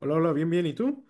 Hola, hola, bien, bien. ¿Y tú?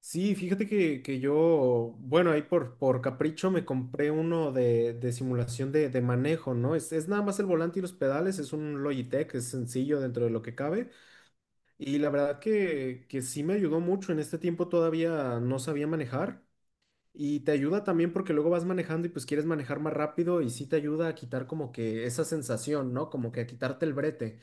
Sí, fíjate que yo, bueno, ahí por capricho me compré uno de simulación de manejo, ¿no? Es nada más el volante y los pedales, es un Logitech, es sencillo dentro de lo que cabe. Y la verdad que sí me ayudó mucho. En este tiempo todavía no sabía manejar. Y te ayuda también porque luego vas manejando y pues quieres manejar más rápido y sí te ayuda a quitar como que esa sensación, ¿no? Como que a quitarte el brete.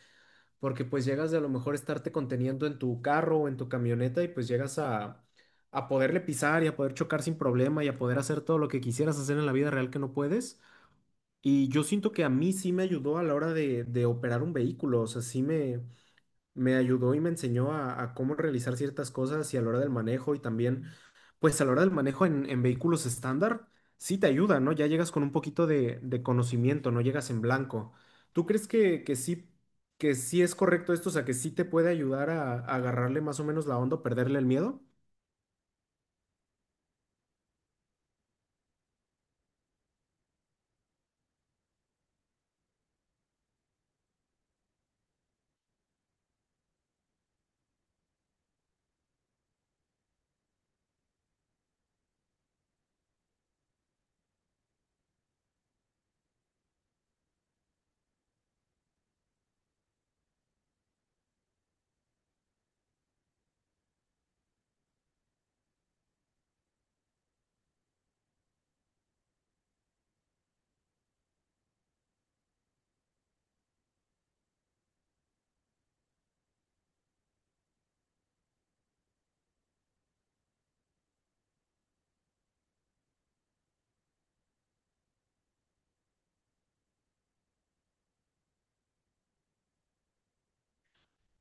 Porque pues llegas de a lo mejor estarte conteniendo en tu carro o en tu camioneta y pues llegas a poderle pisar y a poder chocar sin problema y a poder hacer todo lo que quisieras hacer en la vida real que no puedes. Y yo siento que a mí sí me ayudó a la hora de operar un vehículo, o sea, sí me ayudó y me enseñó a cómo realizar ciertas cosas y a la hora del manejo y también, pues a la hora del manejo en vehículos estándar, sí te ayuda, ¿no? Ya llegas con un poquito de conocimiento, no llegas en blanco. ¿Tú crees que sí es correcto esto? O sea, que sí te puede ayudar a agarrarle más o menos la onda, o perderle el miedo.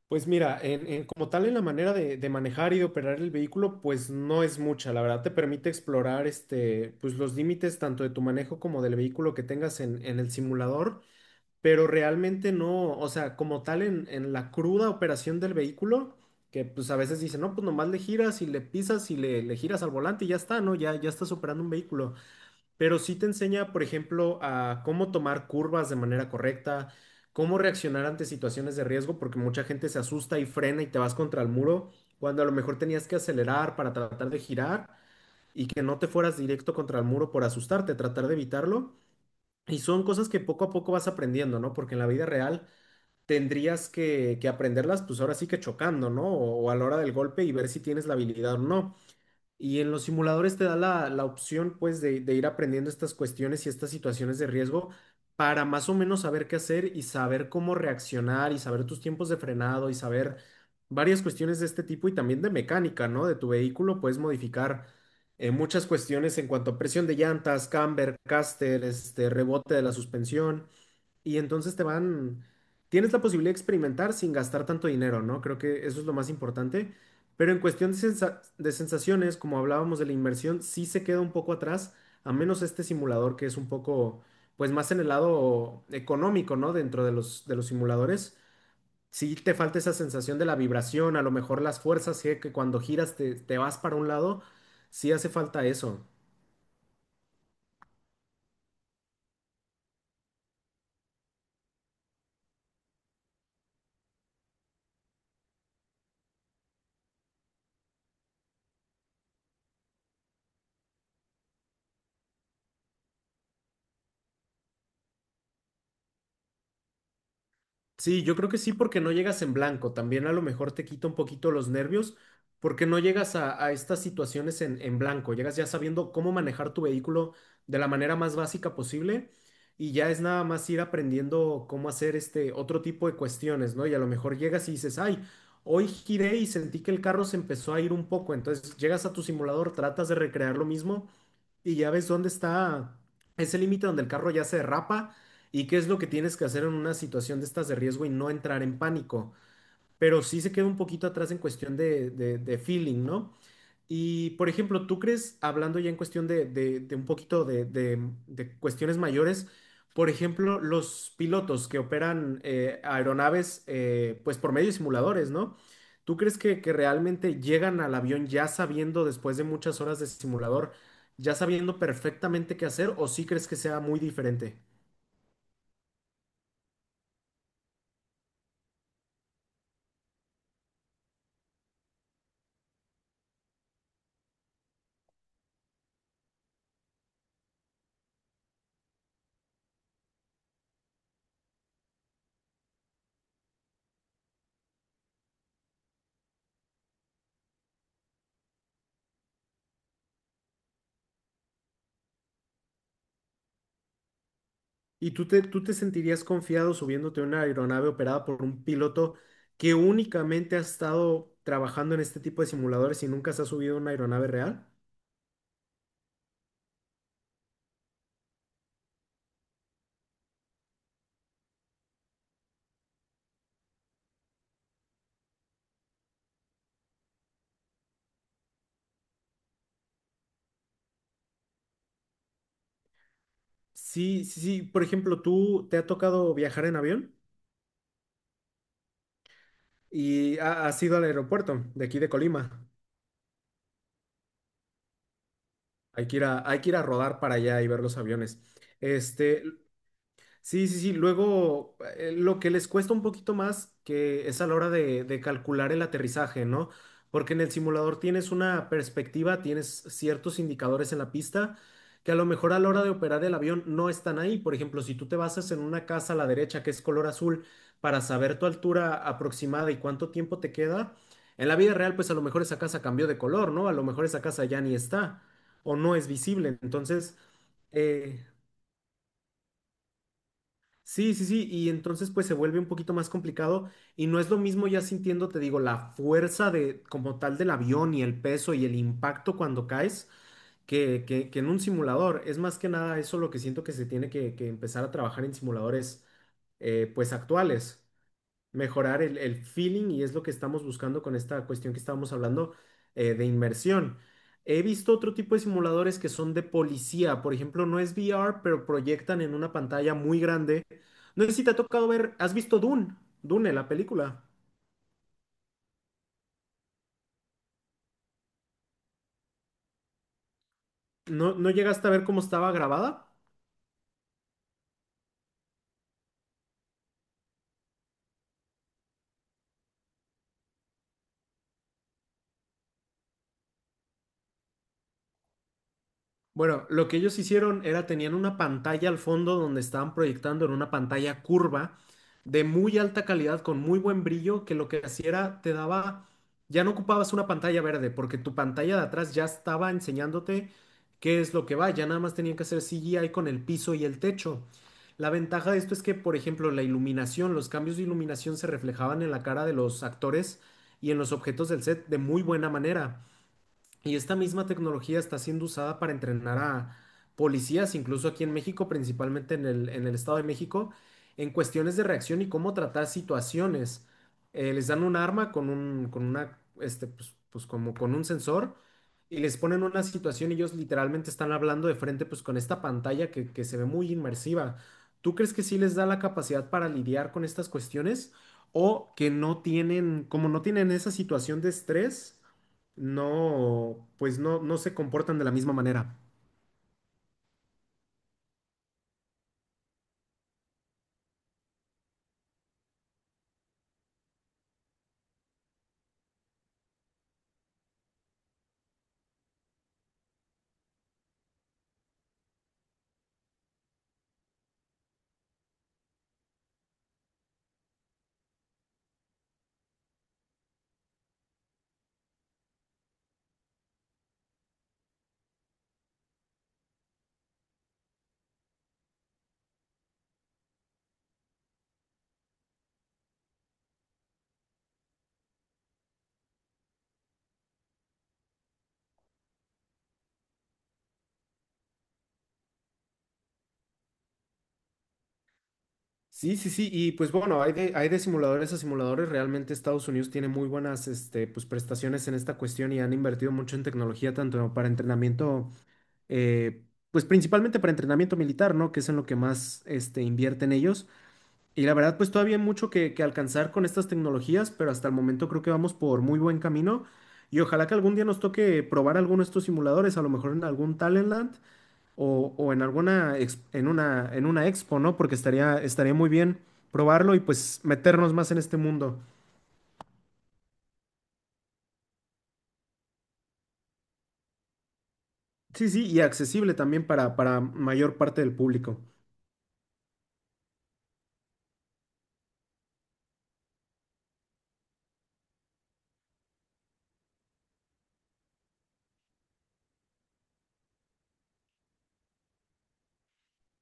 Pues mira, como tal en la manera de manejar y de operar el vehículo, pues no es mucha, la verdad te permite explorar este, pues los límites tanto de tu manejo como del vehículo que tengas en el simulador, pero realmente no, o sea, como tal en la cruda operación del vehículo, que pues a veces dicen, no, pues nomás le giras y le pisas y le giras al volante y ya está, ¿no? Ya, ya estás operando un vehículo, pero sí te enseña, por ejemplo, a cómo tomar curvas de manera correcta, cómo reaccionar ante situaciones de riesgo, porque mucha gente se asusta y frena y te vas contra el muro, cuando a lo mejor tenías que acelerar para tratar de girar. Y que no te fueras directo contra el muro por asustarte, tratar de evitarlo. Y son cosas que poco a poco vas aprendiendo, ¿no? Porque en la vida real tendrías que aprenderlas, pues ahora sí que chocando, ¿no? O a la hora del golpe y ver si tienes la habilidad o no. Y en los simuladores te da la opción, pues, de ir aprendiendo estas cuestiones y estas situaciones de riesgo para más o menos saber qué hacer y saber cómo reaccionar y saber tus tiempos de frenado y saber varias cuestiones de este tipo y también de mecánica, ¿no? De tu vehículo puedes modificar muchas cuestiones en cuanto a presión de llantas, camber, caster, rebote de la suspensión. Y entonces tienes la posibilidad de experimentar sin gastar tanto dinero, ¿no? Creo que eso es lo más importante. Pero en cuestión de sensaciones, como hablábamos de la inmersión, sí se queda un poco atrás, a menos este simulador que es un poco, pues más en el lado económico, ¿no? Dentro de los simuladores. Sí te falta esa sensación de la vibración, a lo mejor las fuerzas, sí, que cuando giras te vas para un lado, sí hace falta eso. Sí, yo creo que sí, porque no llegas en blanco. También a lo mejor te quita un poquito los nervios, porque no llegas a estas situaciones en blanco. Llegas ya sabiendo cómo manejar tu vehículo de la manera más básica posible y ya es nada más ir aprendiendo cómo hacer este otro tipo de cuestiones, ¿no? Y a lo mejor llegas y dices, ay, hoy giré y sentí que el carro se empezó a ir un poco. Entonces llegas a tu simulador, tratas de recrear lo mismo y ya ves dónde está ese límite donde el carro ya se derrapa y qué es lo que tienes que hacer en una situación de estas de riesgo y no entrar en pánico. Pero sí se queda un poquito atrás en cuestión de feeling, ¿no? Y, por ejemplo, ¿tú crees, hablando ya en cuestión de un poquito de cuestiones mayores, por ejemplo, los pilotos que operan aeronaves, pues por medio de simuladores, ¿no? ¿Tú crees que realmente llegan al avión ya sabiendo, después de muchas horas de simulador, ya sabiendo perfectamente qué hacer, o sí crees que sea muy diferente? ¿Y tú te sentirías confiado subiéndote a una aeronave operada por un piloto que únicamente ha estado trabajando en este tipo de simuladores y nunca se ha subido a una aeronave real? Sí, sí, sí. Por ejemplo, ¿tú te ha tocado viajar en avión y has ido al aeropuerto de aquí de Colima? Hay que ir a rodar para allá y ver los aviones. Este, Sí, sí, sí. Luego, lo que les cuesta un poquito más que es a la hora de calcular el aterrizaje, ¿no? Porque en el simulador tienes una perspectiva, tienes ciertos indicadores en la pista que a lo mejor a la hora de operar el avión no están ahí. Por ejemplo, si tú te basas en una casa a la derecha que es color azul para saber tu altura aproximada y cuánto tiempo te queda, en la vida real, pues a lo mejor esa casa cambió de color, ¿no? A lo mejor esa casa ya ni está o no es visible. Entonces… Eh, sí, sí, sí, y entonces pues se vuelve un poquito más complicado y no es lo mismo ya sintiendo, te digo, la fuerza de como tal del avión y el peso y el impacto cuando caes que en un simulador. Es más que nada eso lo que siento que se tiene que empezar a trabajar en simuladores pues actuales, mejorar el feeling y es lo que estamos buscando con esta cuestión que estábamos hablando de inmersión. He visto otro tipo de simuladores que son de policía, por ejemplo, no es VR, pero proyectan en una pantalla muy grande. No sé si te ha tocado ver, ¿has visto Dune? Dune, la película. ¿No, no llegaste a ver cómo estaba grabada? Bueno, lo que ellos hicieron era tenían una pantalla al fondo donde estaban proyectando en una pantalla curva de muy alta calidad con muy buen brillo que lo que hacía era te daba, ya no ocupabas una pantalla verde porque tu pantalla de atrás ya estaba enseñándote qué es lo que va, ya nada más tenían que hacer CGI con el piso y el techo. La ventaja de esto es que, por ejemplo, la iluminación, los cambios de iluminación se reflejaban en la cara de los actores y en los objetos del set de muy buena manera. Y esta misma tecnología está siendo usada para entrenar a policías, incluso aquí en México, principalmente en el Estado de México, en cuestiones de reacción y cómo tratar situaciones. Les dan un arma con una, pues como con un sensor y les ponen una situación y ellos literalmente están hablando de frente, pues con esta pantalla que se ve muy inmersiva. ¿Tú crees que sí les da la capacidad para lidiar con estas cuestiones o que no tienen, como no tienen esa situación de estrés? No, pues no, no se comportan de la misma manera. Sí, sí, sí, y pues bueno, hay de simuladores a simuladores, realmente Estados Unidos tiene muy buenas pues, prestaciones en esta cuestión y han invertido mucho en tecnología, tanto para entrenamiento, pues principalmente para entrenamiento militar, ¿no? Que es en lo que más invierten ellos. Y la verdad, pues todavía hay mucho que alcanzar con estas tecnologías, pero hasta el momento creo que vamos por muy buen camino y ojalá que algún día nos toque probar alguno de estos simuladores, a lo mejor en algún Talentland. O en alguna en una expo, ¿no? Porque estaría muy bien probarlo y pues meternos más en este mundo. Sí, sí, y accesible también para mayor parte del público.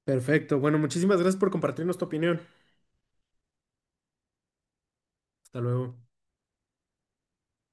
Perfecto. Bueno, muchísimas gracias por compartirnos tu opinión. Hasta luego.